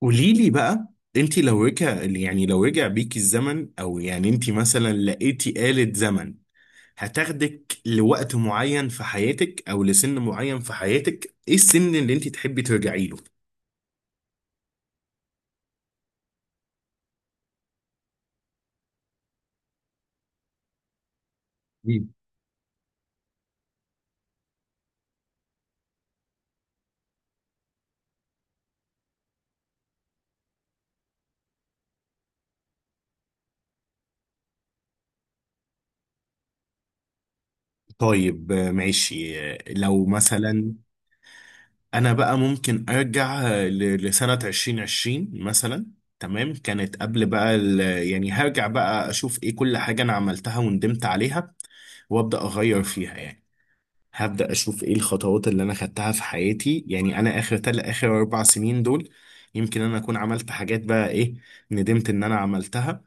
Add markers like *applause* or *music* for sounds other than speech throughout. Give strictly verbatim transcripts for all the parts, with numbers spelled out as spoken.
قولي لي بقى. انت لو رجع يعني لو رجع بيك الزمن، او يعني انت مثلا لقيتي آلة زمن، هتاخدك لوقت معين في حياتك او لسن معين في حياتك، ايه السن اللي انت تحبي ترجعي له؟ مم. طيب آه، ماشي. آه، لو مثلا انا بقى ممكن ارجع آه، ل- لسنة ألفين وعشرين مثلا. تمام، كانت قبل بقى ال- يعني هرجع بقى اشوف ايه كل حاجة انا عملتها وندمت عليها، وابدا اغير فيها يعني. هبدأ أشوف إيه الخطوات اللي أنا خدتها في حياتي، يعني أنا آخر تل آخر أربع سنين دول يمكن أنا أكون عملت حاجات بقى، إيه ندمت إن أنا عملتها،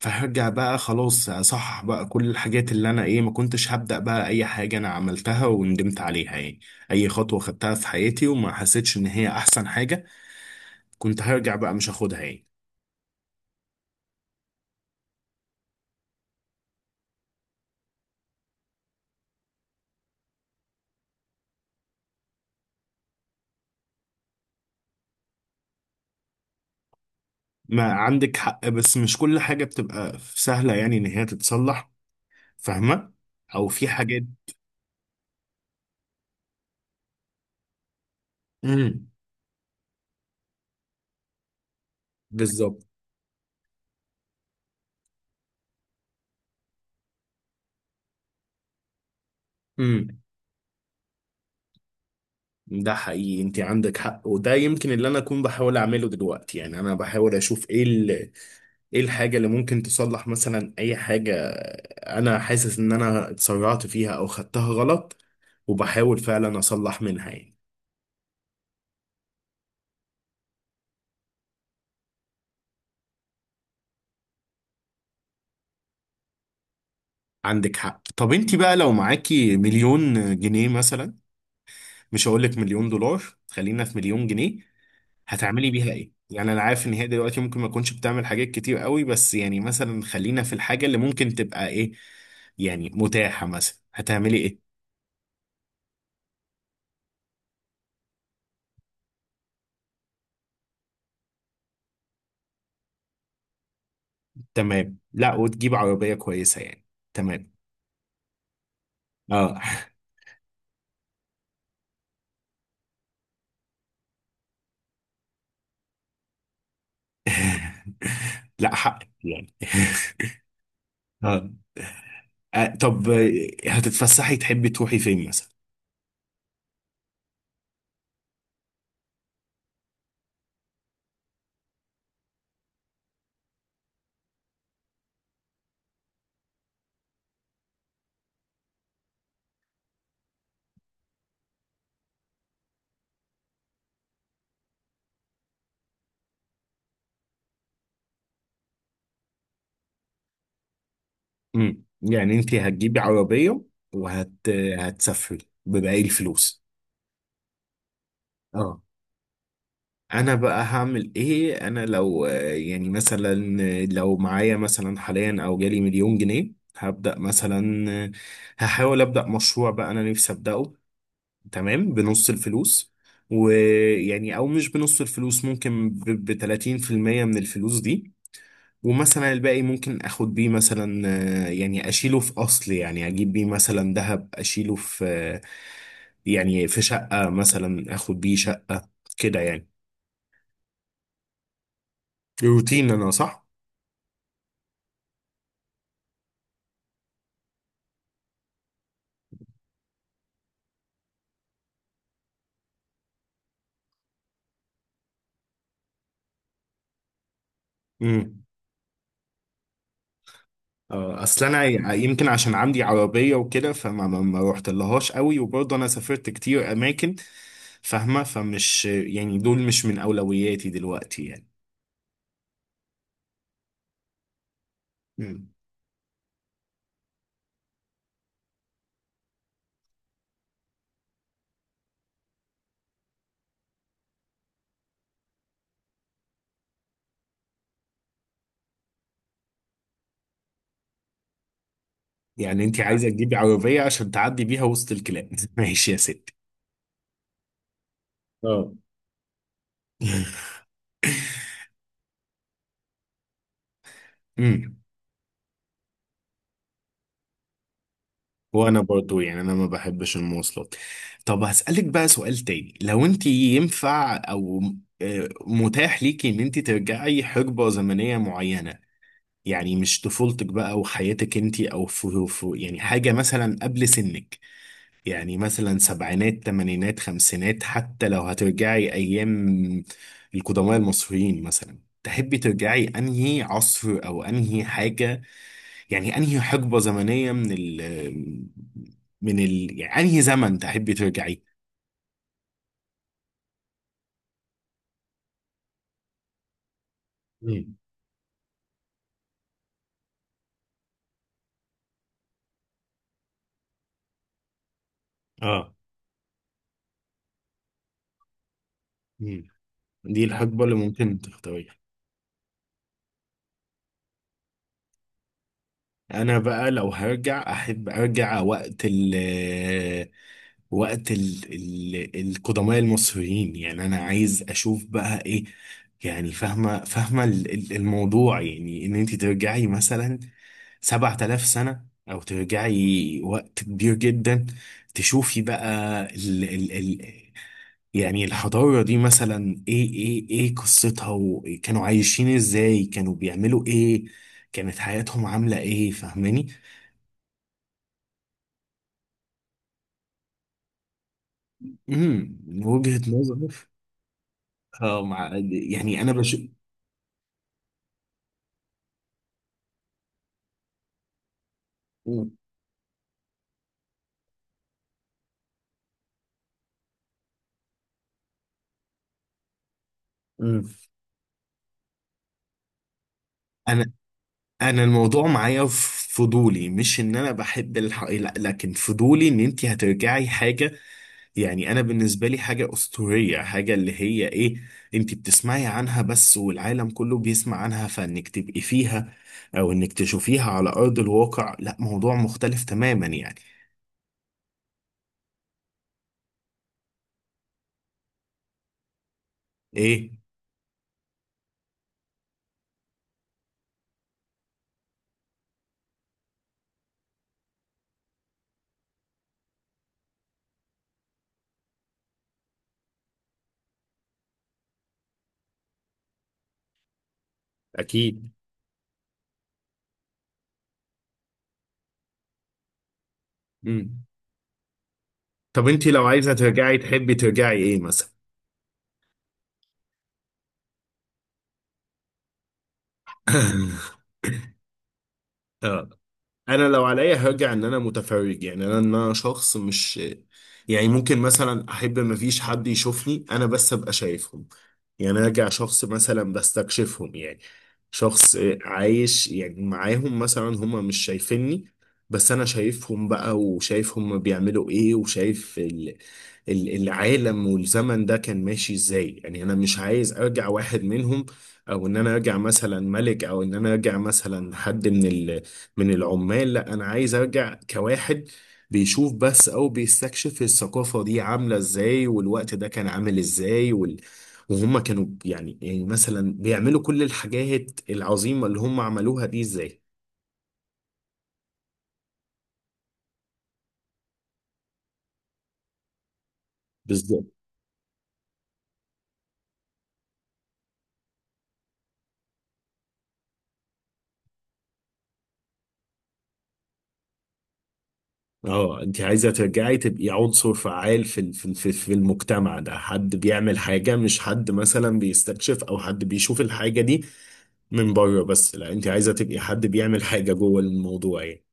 فهرجع بقى خلاص أصحح بقى كل الحاجات اللي أنا إيه ما كنتش هبدأ بقى أي حاجة أنا عملتها وندمت عليها يعني. أي خطوة خدتها في حياتي وما حسيتش إن هي أحسن حاجة، كنت هرجع بقى مش هاخدها يعني. ما عندك حق، بس مش كل حاجة بتبقى سهلة يعني إن هي تتصلح. فاهمة؟ أو في حاجات. امم. بالظبط. مم. ده حقيقي، انت عندك حق، وده يمكن اللي انا اكون بحاول اعمله دلوقتي. يعني انا بحاول اشوف ايه ال... ايه الحاجه اللي ممكن تصلح، مثلا اي حاجه انا حاسس ان انا اتسرعت فيها او خدتها غلط، وبحاول فعلا اصلح منها يعني. عندك حق. طب انت بقى لو معاكي مليون جنيه مثلا، مش هقول لك مليون دولار، خلينا في مليون جنيه، هتعملي بيها ايه؟ يعني انا عارف ان هي دلوقتي ممكن ما تكونش بتعمل حاجات كتير قوي، بس يعني مثلا خلينا في الحاجة اللي ممكن تبقى ايه، يعني متاحة، مثلا هتعملي ايه؟ تمام، لا وتجيب عربية كويسة يعني. تمام. اه. *laughs* لا حق، يعني *laughs* اه. آه، طب آه، هتتفسحي، تحبي تروحي فين مثلا؟ امم. يعني انت هتجيبي عربية، وهت هتسافري بباقي الفلوس. اه. انا بقى هعمل ايه؟ انا لو آه، يعني مثلا آه، لو معايا مثلا حاليا او جالي مليون جنيه، هبدأ مثلا، آه، هحاول أبدأ مشروع بقى انا نفسي أبدأه، تمام، بنص الفلوس. ويعني او مش بنص الفلوس، ممكن ب تلاتين بالمية من الفلوس دي. ومثلا الباقي ممكن اخد بيه مثلا، آه، يعني اشيله في اصل، يعني اجيب بيه مثلا ذهب، اشيله في، آه، يعني في شقة، مثلا اخد بيه شقة، كده يعني. روتين انا، صح؟ اه، اصل انا ع- يمكن عشان عندي عربيه وكده، فما ما ما روحت لهاش قوي، وبرضه انا سافرت كتير اماكن، فاهمه؟ فمش يعني، دول مش من اولوياتي دلوقتي يعني. مم. يعني انت عايزه تجيبي عربيه عشان تعدي بيها وسط الكلاب؟ *laughs* ماشي يا ستي. اه. *laughs* امم. وانا برضو يعني انا ما بحبش المواصلات. طب هسألك بقى سؤال تاني، لو انت ينفع او آه، متاح ليكي ان انت ترجعي حقبة زمنية معينة، يعني مش طفولتك بقى وحياتك انتي، او في في- يعني حاجة مثلا قبل سنك، يعني مثلا سبعينات، تمانينات، خمسينات، حتى لو هترجعي ايام القدماء المصريين مثلا، تحبي ترجعي انهي عصر او انهي حاجة؟ يعني انهي حقبة زمنية من ال من ال يعني انهي زمن تحبي ترجعي؟ مم. اه. مم. دي الحقبة اللي ممكن تختاريها؟ انا بقى لو هرجع احب ارجع وقت ال وقت ال ال القدماء المصريين، يعني انا عايز اشوف بقى ايه، يعني فاهمه، فاهمه ال- ال- الموضوع، يعني ان انت ترجعي مثلا سبعة آلاف سنه، او ترجعي وقت كبير جدا، تشوفي بقى ال ال ال يعني الحضاره دي مثلا ايه ايه ايه قصتها، وكانوا عايشين ازاي، كانوا بيعملوا ايه، كانت حياتهم عامله ايه، فاهماني؟ امم. من وجهه نظري، اه. مع يعني انا بشوف. امم. انا، انا الموضوع معايا في فضولي، مش ان انا بحب الح... لا، لكن فضولي ان انت هترجعي حاجه يعني انا بالنسبه لي حاجه اسطوريه، حاجه اللي هي ايه، انت بتسمعي عنها بس والعالم كله بيسمع عنها، فانك تبقي فيها او انك تشوفيها على ارض الواقع، لا موضوع مختلف تماما يعني. ايه؟ اكيد. امم. طب انت لو عايزه ترجعي تحبي ترجعي ايه مثلا؟ *laughs* اه، انا لو عليا هرجع ان انا متفرج، يعني انا ان انا شخص مش، يعني ممكن مثلا احب ما فيش حد يشوفني انا، بس ابقى شايفهم، يعني ارجع شخص مثلا بستكشفهم يعني، شخص عايش يعني معاهم، مثلا هما مش شايفيني بس انا شايفهم بقى، وشايف هما بيعملوا ايه، وشايف ال... ال- العالم والزمن ده كان ماشي ازاي، يعني انا مش عايز ارجع واحد منهم، او ان انا ارجع مثلا ملك، او ان انا ارجع مثلا حد من ال... من العمال، لا انا عايز ارجع كواحد بيشوف بس، او بيستكشف الثقافة دي عاملة ازاي، والوقت ده كان عامل ازاي، وال... وهم كانوا يعني، يعني مثلا بيعملوا كل الحاجات العظيمة اللي هم عملوها دي ازاي. بالظبط. اه، انت عايزة ترجعي تبقي عنصر فعال في ال- في ال- في في المجتمع ده، حد بيعمل حاجة، مش حد مثلا بيستكشف او حد بيشوف الحاجة دي من بره بس، لا انت عايزة تبقي حد بيعمل حاجة جوه الموضوع يعني.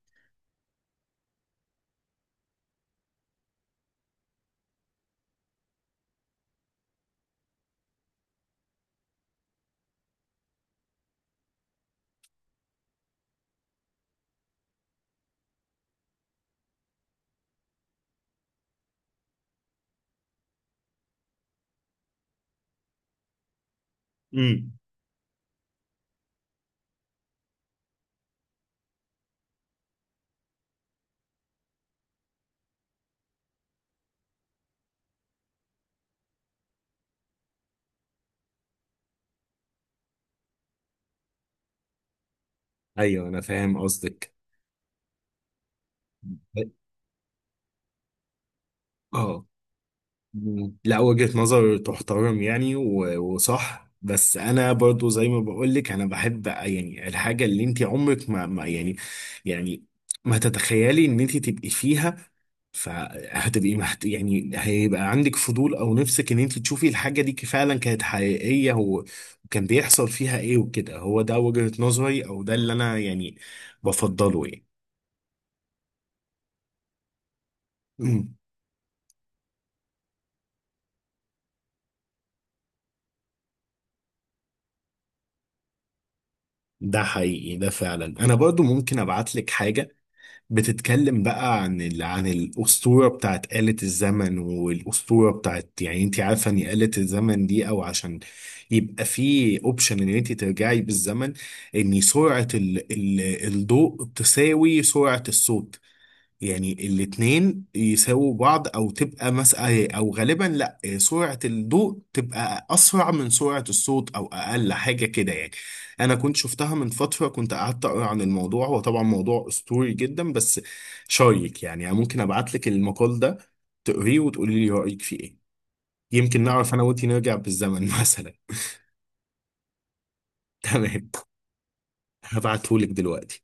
امم. ايوه انا فاهم قصدك. اه. مم. لا وجهة نظر تحترم يعني، و- وصح، بس انا برضو زي ما بقول لك، انا بحب يعني الحاجة اللي انت عمرك ما, ما يعني، يعني ما تتخيلي ان انت تبقي فيها، فهتبقي محت... يعني هيبقى عندك فضول او نفسك ان انت تشوفي الحاجة دي فعلا كانت حقيقية و- وكان بيحصل فيها ايه وكده، هو ده وجهة نظري او ده اللي انا يعني بفضله يعني. مم. ده حقيقي، ده فعلا. انا برضو ممكن ابعت لك حاجة بتتكلم بقى عن ال... عن الأسطورة بتاعت آلة الزمن، والأسطورة بتاعت يعني انت عارفة ان آلة الزمن دي، او عشان يبقى في اوبشن ان انت ترجعي بالزمن، ان سرعة ال... ال... الضوء تساوي سرعة الصوت، يعني الاتنين يساووا بعض، او تبقى مسألة، او غالبا لا سرعة الضوء تبقى اسرع من سرعة الصوت، او اقل حاجة كده يعني. انا كنت شفتها من فترة، كنت قعدت اقرا عن الموضوع، هو طبعا موضوع اسطوري جدا، بس شايك يعني أنا ممكن ابعت لك المقال ده تقريه وتقولي لي رأيك فيه ايه، يمكن نعرف انا وانتي نرجع بالزمن *laughs* مثلا. تمام. هبعتهولك دلوقتي.